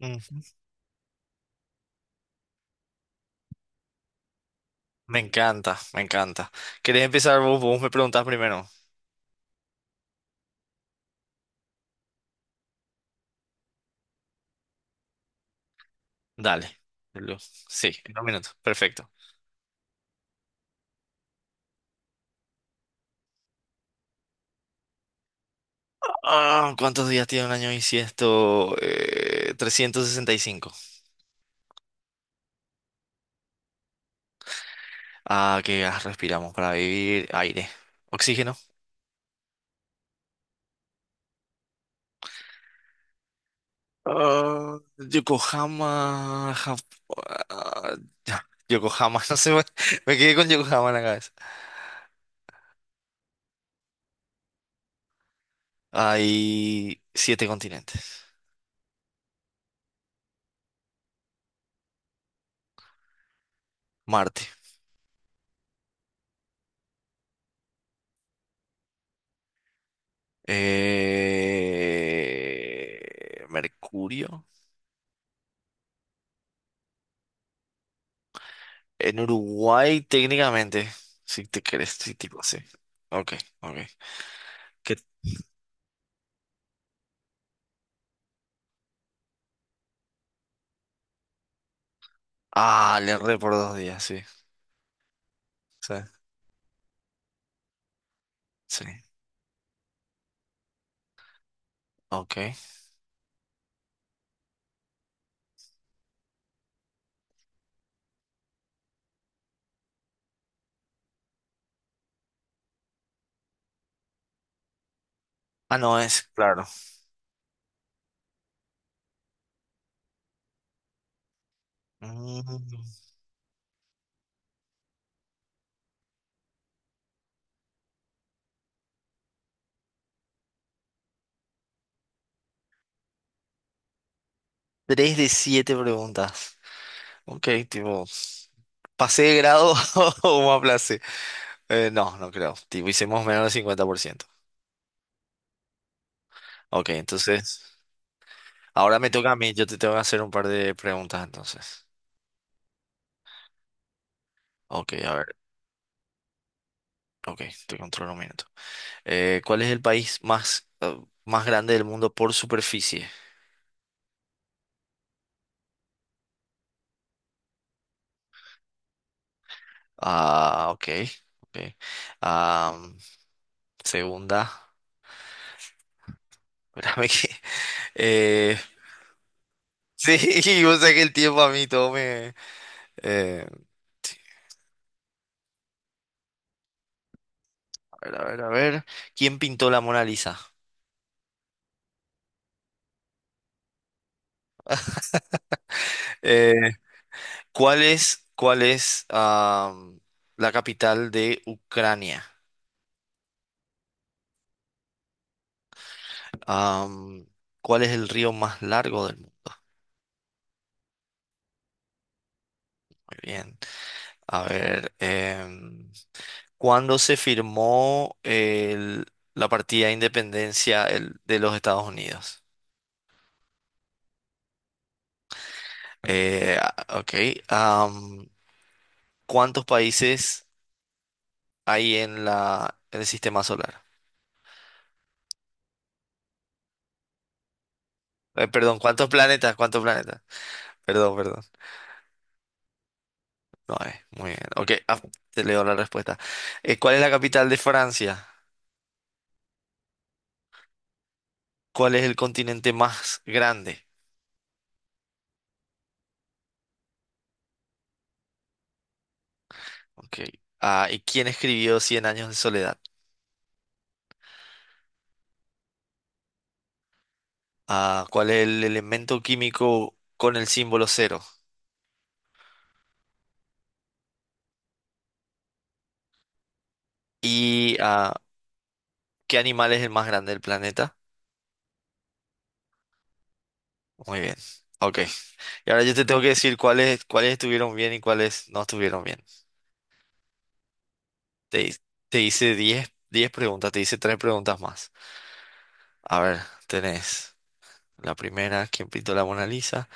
Ujú. Me encanta, me encanta. ¿Querés empezar vos? Vos me preguntás primero. Dale. Lu- Sí, en un minuto. Perfecto. Ah, ¿cuántos días tiene un año bisiesto? 365. Ah, ¿qué gas respiramos para vivir? Aire. Oxígeno. Ah, Yokohama. Ah, ya, Yokohama, no sé, me quedé con Yokohama en la cabeza. Hay siete continentes. Marte. Mercurio. En Uruguay, técnicamente. Si te querés, sí, tipo, sí. Ok, ok. ¿Qué- Ah, le erré por dos días, sí. Sí, sí. Ok. Ah, no, es claro. Mm. Tres de siete preguntas. Ok, tipo, ¿pasé de grado o me aplacé? No, no creo. Tipo, hicimos menos del 50%. Ok, entonces, ahora me toca a mí. Yo te tengo que hacer un par de preguntas, entonces. Ok, a ver. Ok, te controlo un minuto. ¿Cuál es el país más, más grande del mundo por superficie? Ah, ok. Ok. Ah, segunda. Espérame que. eh, sí, o sea que el tiempo a mí todo me. eh, sí, a ver, a ver, a ver. ¿Quién pintó la Mona Lisa? Eh, cuál es la capital de Ucrania? Am, ¿Cuál es el río más largo del mundo? Muy bien. A ver, ¿cuándo se firmó la partida de independencia de los Estados Unidos? Ok. am, ¿cuántos países hay en en el sistema solar? Perdón, ¿cuántos planetas? ¿Cuántos planetas? Perdón, perdón. No, muy bien. Ok, ah, te leo la respuesta. ¿Cuál es la capital de Francia? ¿Cuál es el continente más grande? Ok. Ah, ¿y quién escribió Cien años de soledad? ¿A cuál es el elemento químico con el símbolo cero? ¿Y a qué animal es el más grande del planeta? Muy bien. Ok. Y ahora yo te tengo que decir cuáles estuvieron bien y cuáles no estuvieron bien. Te, hi- te hice diez preguntas, te hice 3 preguntas más. A ver, tenés la primera, ¿quién pintó la Mona Lisa?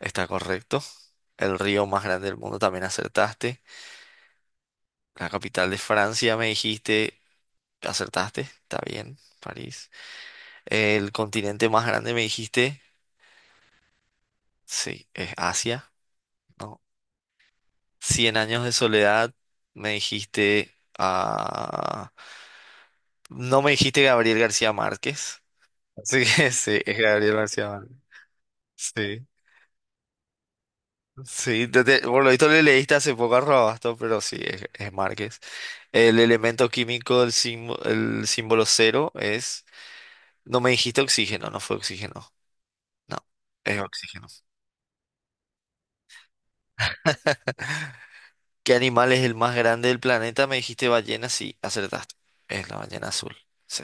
Está correcto. El río más grande del mundo también acertaste. La capital de Francia me dijiste, acertaste, está bien, París. El continente más grande me dijiste, sí, es Asia, ¿no? Cien años de soledad, me dijiste, ah, no me dijiste Gabriel García Márquez, sí, sí, es Gabriel García Márquez, sí, sí, por lo visto le leíste hace poco a Robasto, pero sí, es Márquez. El elemento químico, del símbolo, el símbolo cero es, no me dijiste oxígeno, no fue oxígeno, no, es oxígeno. ¿Qué animal es el más grande del planeta? Me dijiste ballena, sí, acertaste. Es la ballena azul. Sí.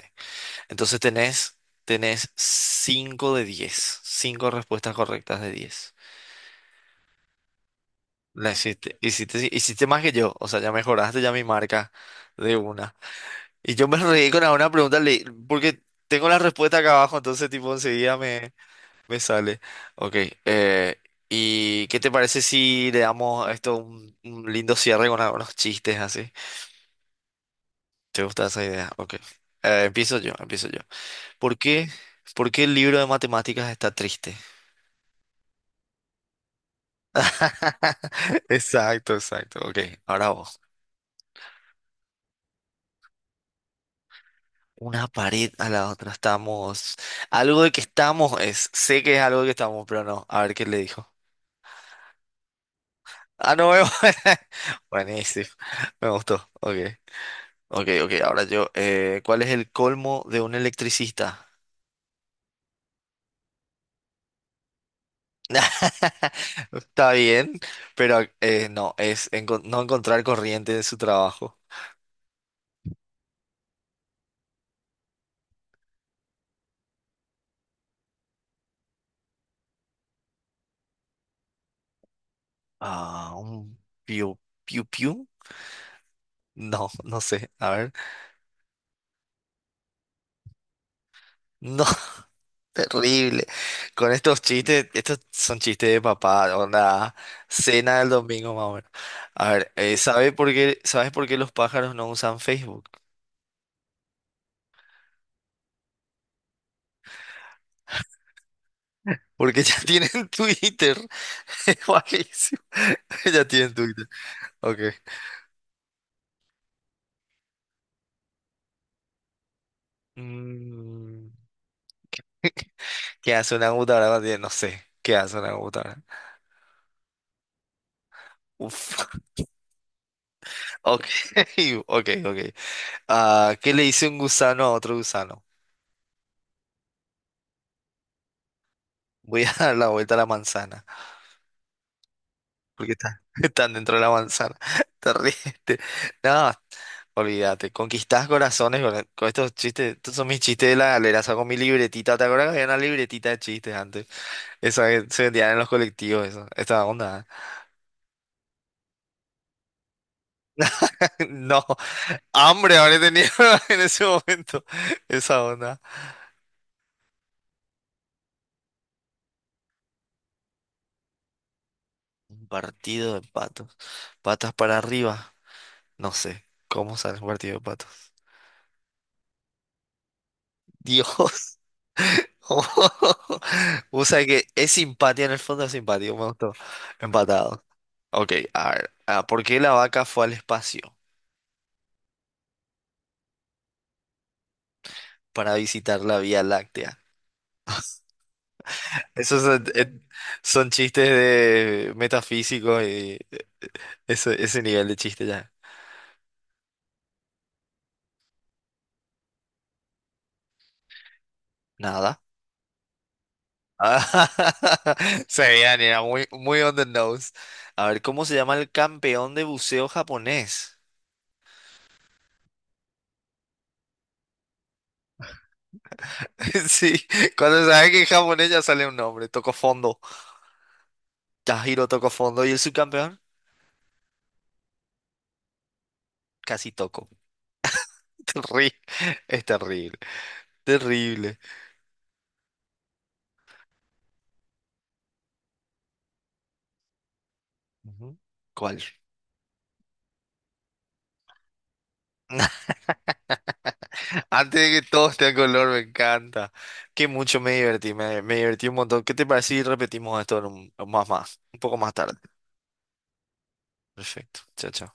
Entonces tenés 5 de 10, 5 respuestas correctas de 10. La hiciste, hiciste, hiciste más que yo. O sea, ya mejoraste ya mi marca de una. Y yo me reí con una pregunta porque tengo la respuesta acá abajo, entonces tipo enseguida me sale. Ok. eh, ¿y qué te parece si le damos a esto un lindo cierre con algunos chistes así? ¿Te gusta esa idea? Ok. Empiezo yo, empiezo yo. ¿Por qué, por qué el libro de matemáticas está triste? Exacto, exacto. Ok, ahora vos. Una pared a la otra. Estamos. Algo de que estamos es. Sé que es algo de que estamos, pero no. A ver qué le dijo. Ah, no veo. Buenísimo. Me gustó. Ok. Ok, ok. Ahora yo. ¿Cuál es el colmo de un electricista? Está bien, pero no, es no encontrar corriente de su trabajo. Ah, un piu, piu, piu. No, no sé. A ver. No, terrible. Con estos chistes, estos son chistes de papá, onda, cena del domingo más o menos. A ver, ¿sabes por qué los pájaros no usan Facebook? Porque ya tienen Twitter. Es malísimo. Ya tienen Twitter. Ok. Mm. ¿Qué hace una computadora? No sé. ¿Qué hace una computadora? Uf. Ok, ok, ok. Ah, ¿qué le dice un gusano a otro gusano? Voy a dar la vuelta a la manzana. Porque están dentro de la manzana. Te ríes. No, olvídate. Conquistás corazones con estos chistes. Estos son mis chistes de la galera. Saco mi libretita. ¿Te acuerdas que había una libretita de chistes antes? Esa que se vendían en los colectivos. Eso. Esta onda. No. Hambre habré tenido en ese momento. Esa onda. Un partido de patos. Patas para arriba. No sé. ¿Cómo sale un partido de patos? Dios. O sea que es simpatía, en el fondo es simpatía. Me gustó. Empatado. Ok, a ver. Ah, ¿por qué la vaca fue al espacio? Para visitar la Vía Láctea. Esos son, son chistes de metafísicos y eh, eh, ese nivel de chiste ya. Nada. Sabían, era muy, muy on the nose. A ver, ¿cómo se llama el campeón de buceo japonés? Sí, cuando sabes que en japonés ya sale un nombre. Toco fondo. Tajiro tocó fondo. ¿Y el subcampeón? Casi tocó. Terri- Es terrible. Terrible. Ujú. ¿Cuál? Antes de que todo esté a color, me encanta. Que mucho me divertí, me divertí un montón. ¿Qué te parece si repetimos esto en más más? Un poco más tarde. Perfecto. Chao, chao.